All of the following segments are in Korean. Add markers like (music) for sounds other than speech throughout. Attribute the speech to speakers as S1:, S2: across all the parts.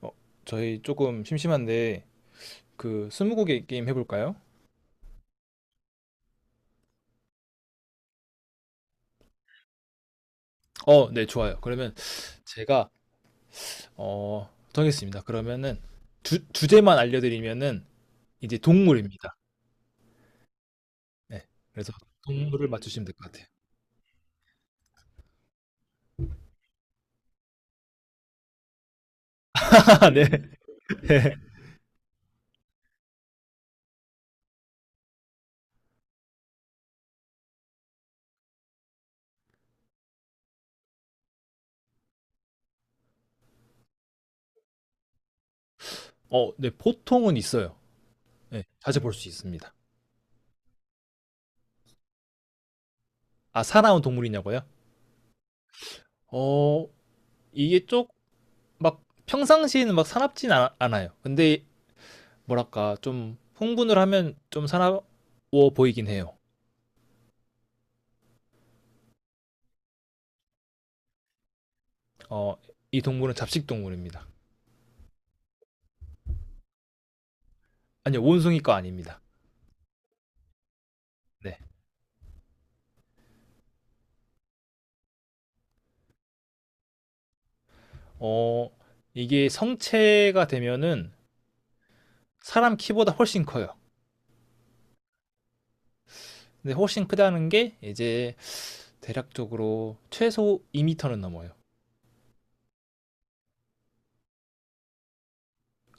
S1: 어, 저희 조금 심심한데 그 스무고개 게임 해볼까요? 어, 네, 좋아요. 그러면 제가 정했습니다. 그러면은 주제만 알려드리면은 이제 동물입니다. 네, 그래서 동물을 맞추시면 될 것 같아요. (laughs) 아, 네. 네. 어, 네, 보통은 있어요. 네, 자주 볼 수 있습니다. 아, 살아온 동물이냐고요? 어, 이게 쪽막 평상시에는 막 사납진 않아요. 근데 뭐랄까 좀 흥분을 하면 좀 사나워 보이긴 해요. 어, 이 동물은 잡식 동물입니다. 아니요, 원숭이과 아닙니다. 네. 어, 이게 성체가 되면은 사람 키보다 훨씬 커요. 근데 훨씬 크다는 게 이제 대략적으로 최소 2 m는 넘어요.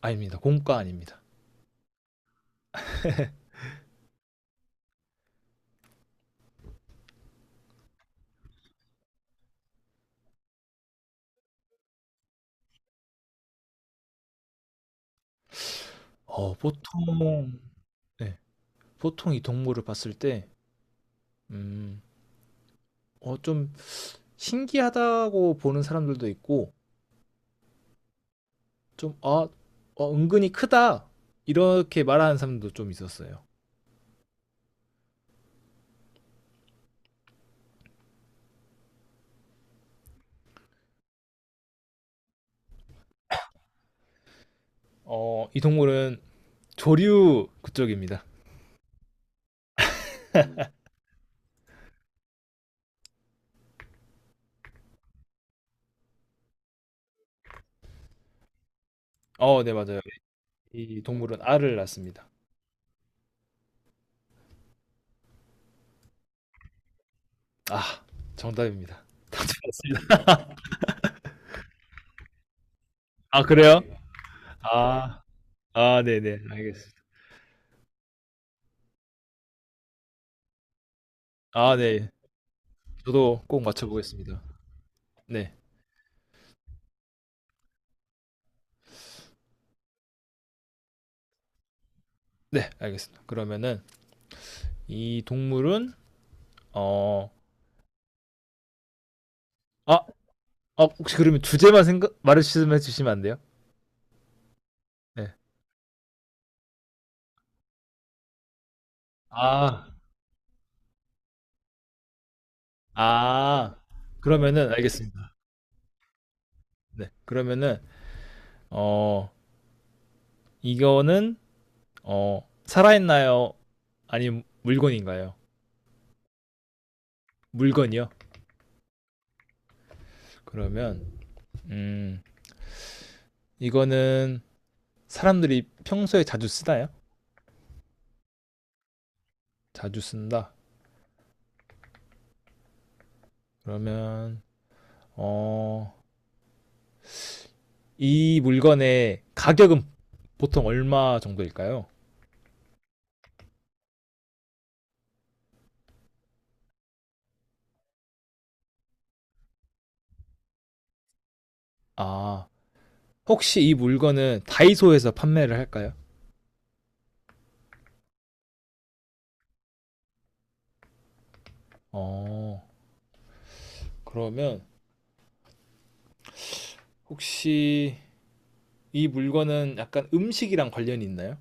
S1: 아닙니다. 공과 아닙니다. 어, 보통, 네, 보통 이 동물을 봤을 때, 음, 좀 신기하다고 보는 사람들도 있고, 아, 은근히 크다. 이렇게 말하는 사람도 좀 있었어요. 어, 이 동물은 조류 그쪽입니다. 어, 네, 맞아요. 이 동물은 알을 낳습니다. 아, 정답입니다. (laughs) 다틀습니다. 아, 그래요? 아, 네네, 알겠습니다. 아, 네. 저도 꼭 맞춰보겠습니다. 네, 네, 알겠습니다. 그러면은 이 동물은 어, 아, 혹시 그러면 주제만 생각 말씀해 주시면 안 돼요? 네. 아, 아, 그러면은 알겠습니다. 네, 그러면은 어, 이거는 어, 살아있나요? 아니면 물건인가요? 물건이요. 그러면 음, 이거는 사람들이 평소에 자주 쓰나요? 자주 쓴다. 그러면 어, 이 물건의 가격은 보통 얼마 정도일까요? 아, 혹시 이 물건은 다이소에서 판매를 할까요? 어, 그러면 혹시 이 물건은 약간 음식이랑 관련이 있나요?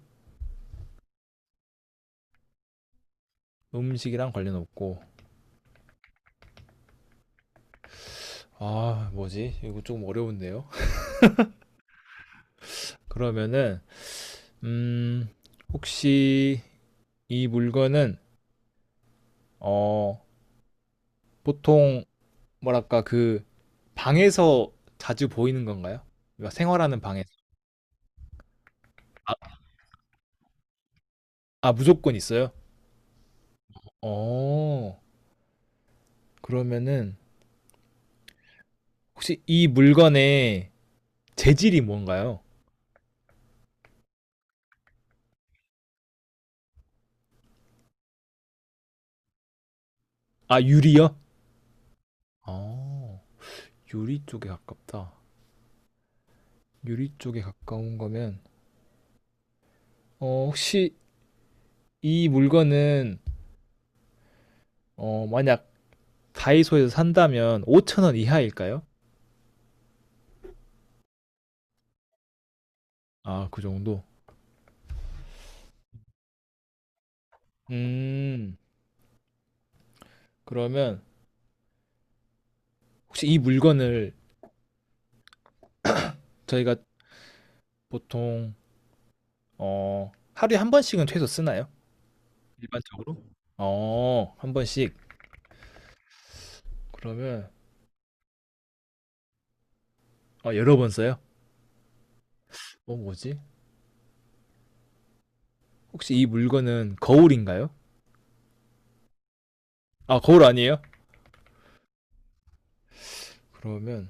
S1: 음식이랑 관련 없고. 아, 뭐지? 이거 조금 어려운데요. (laughs) 그러면은 음, 혹시 이 물건은 어, 보통 뭐랄까 그 방에서 자주 보이는 건가요? 우리가 생활하는 방에서. 아, 아, 무조건 있어요? 어, 그러면은 혹시 이 물건의 재질이 뭔가요? 아, 유리요? 아... 유리 쪽에 가깝다. 유리 쪽에 가까운 거면 혹시 이 물건은 어, 만약 다이소에서 산다면 5천 원 이하일까요? 아, 그 정도? 음, 그러면 혹시 이 물건을 저희가 보통 어, 하루에 한 번씩은 최소 쓰나요? 일반적으로? 어, 한 번씩. 그러면 아, 여러 번 써요? 어, 뭐지? 혹시 이 물건은 거울인가요? 아, 거울 아니에요? 그러면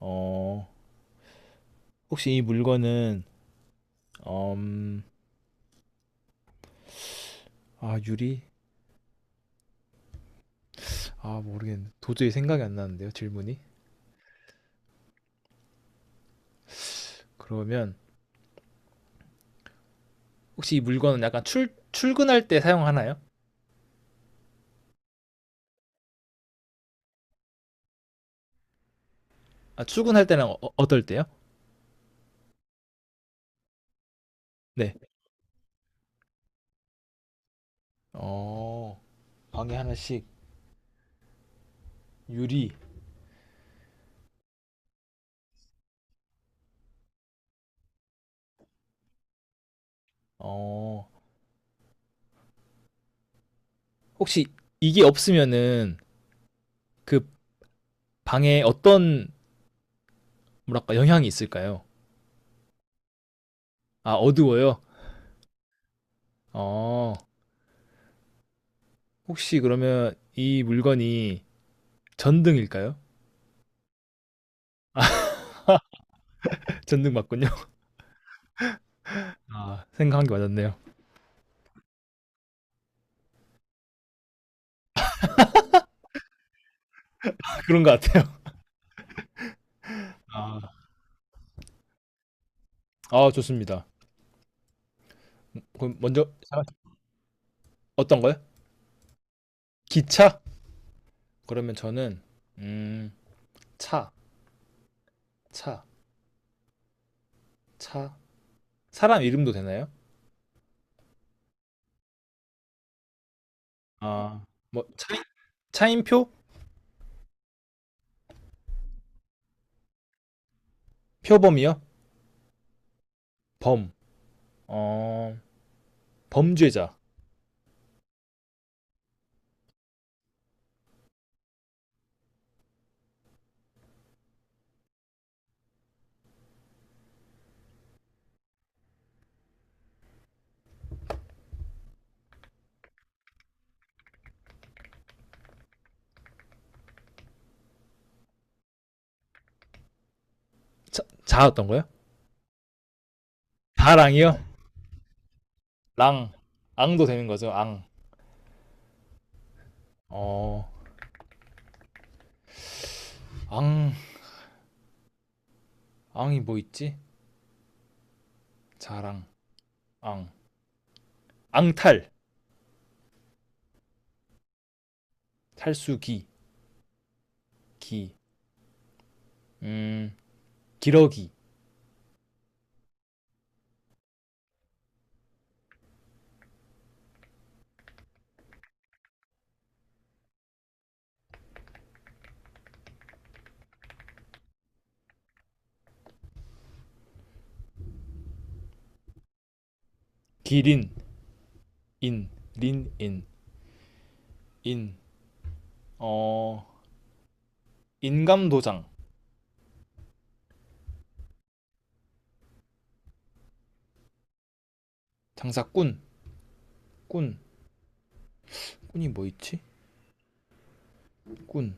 S1: 어, 혹시 이 물건은 음, 아, 유리? 아, 모르겠는데. 도저히 생각이 안 나는데요, 질문이. 그러면 혹시 이 물건은 약간 출 출근할 때 사용하나요? 아, 출근할 때랑 어, 어떨 때요? 네. 어, 방에 하나씩 유리 어, 혹시 이게 없으면은 그 방에 어떤 뭐랄까 영향이 있을까요? 아, 어두워요? 어, 혹시 그러면 이 물건이 전등일까요? (laughs) 전등 맞군요. 아, 생각한 게 맞았네요. (laughs) 그런 것 같아요. 아, 아, 좋습니다. 그럼 먼저 생각하시- 어떤 거요? 기차? 그러면 저는 음, 차, 차, 차. 사람 이름도 되나요? 아, 뭐 차인, 차인표? 표범이요? 범. 어, 범죄자. 자, 자 어떤거요? 다랑이요? 랑 앙도 되는 거죠 앙 어, 앙, 앙이 뭐 있지? 자랑, 앙, 앙탈, 탈수기, 기, 음, 기러기, 기린, 인, 린, 인, 인, 어, 인감도장, 장사꾼, 꾼, 꾼이 뭐 있지? 꾼,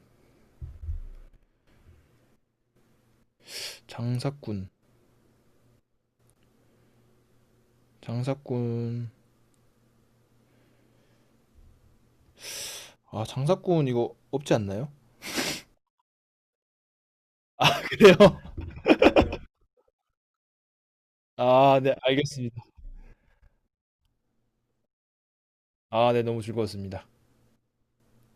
S1: 장사꾼, 장사꾼, 아, 장사꾼 이거 없지 않나요? 그래요? (laughs) 아, 네, 알겠습니다. 아, 네, 너무 즐거웠습니다.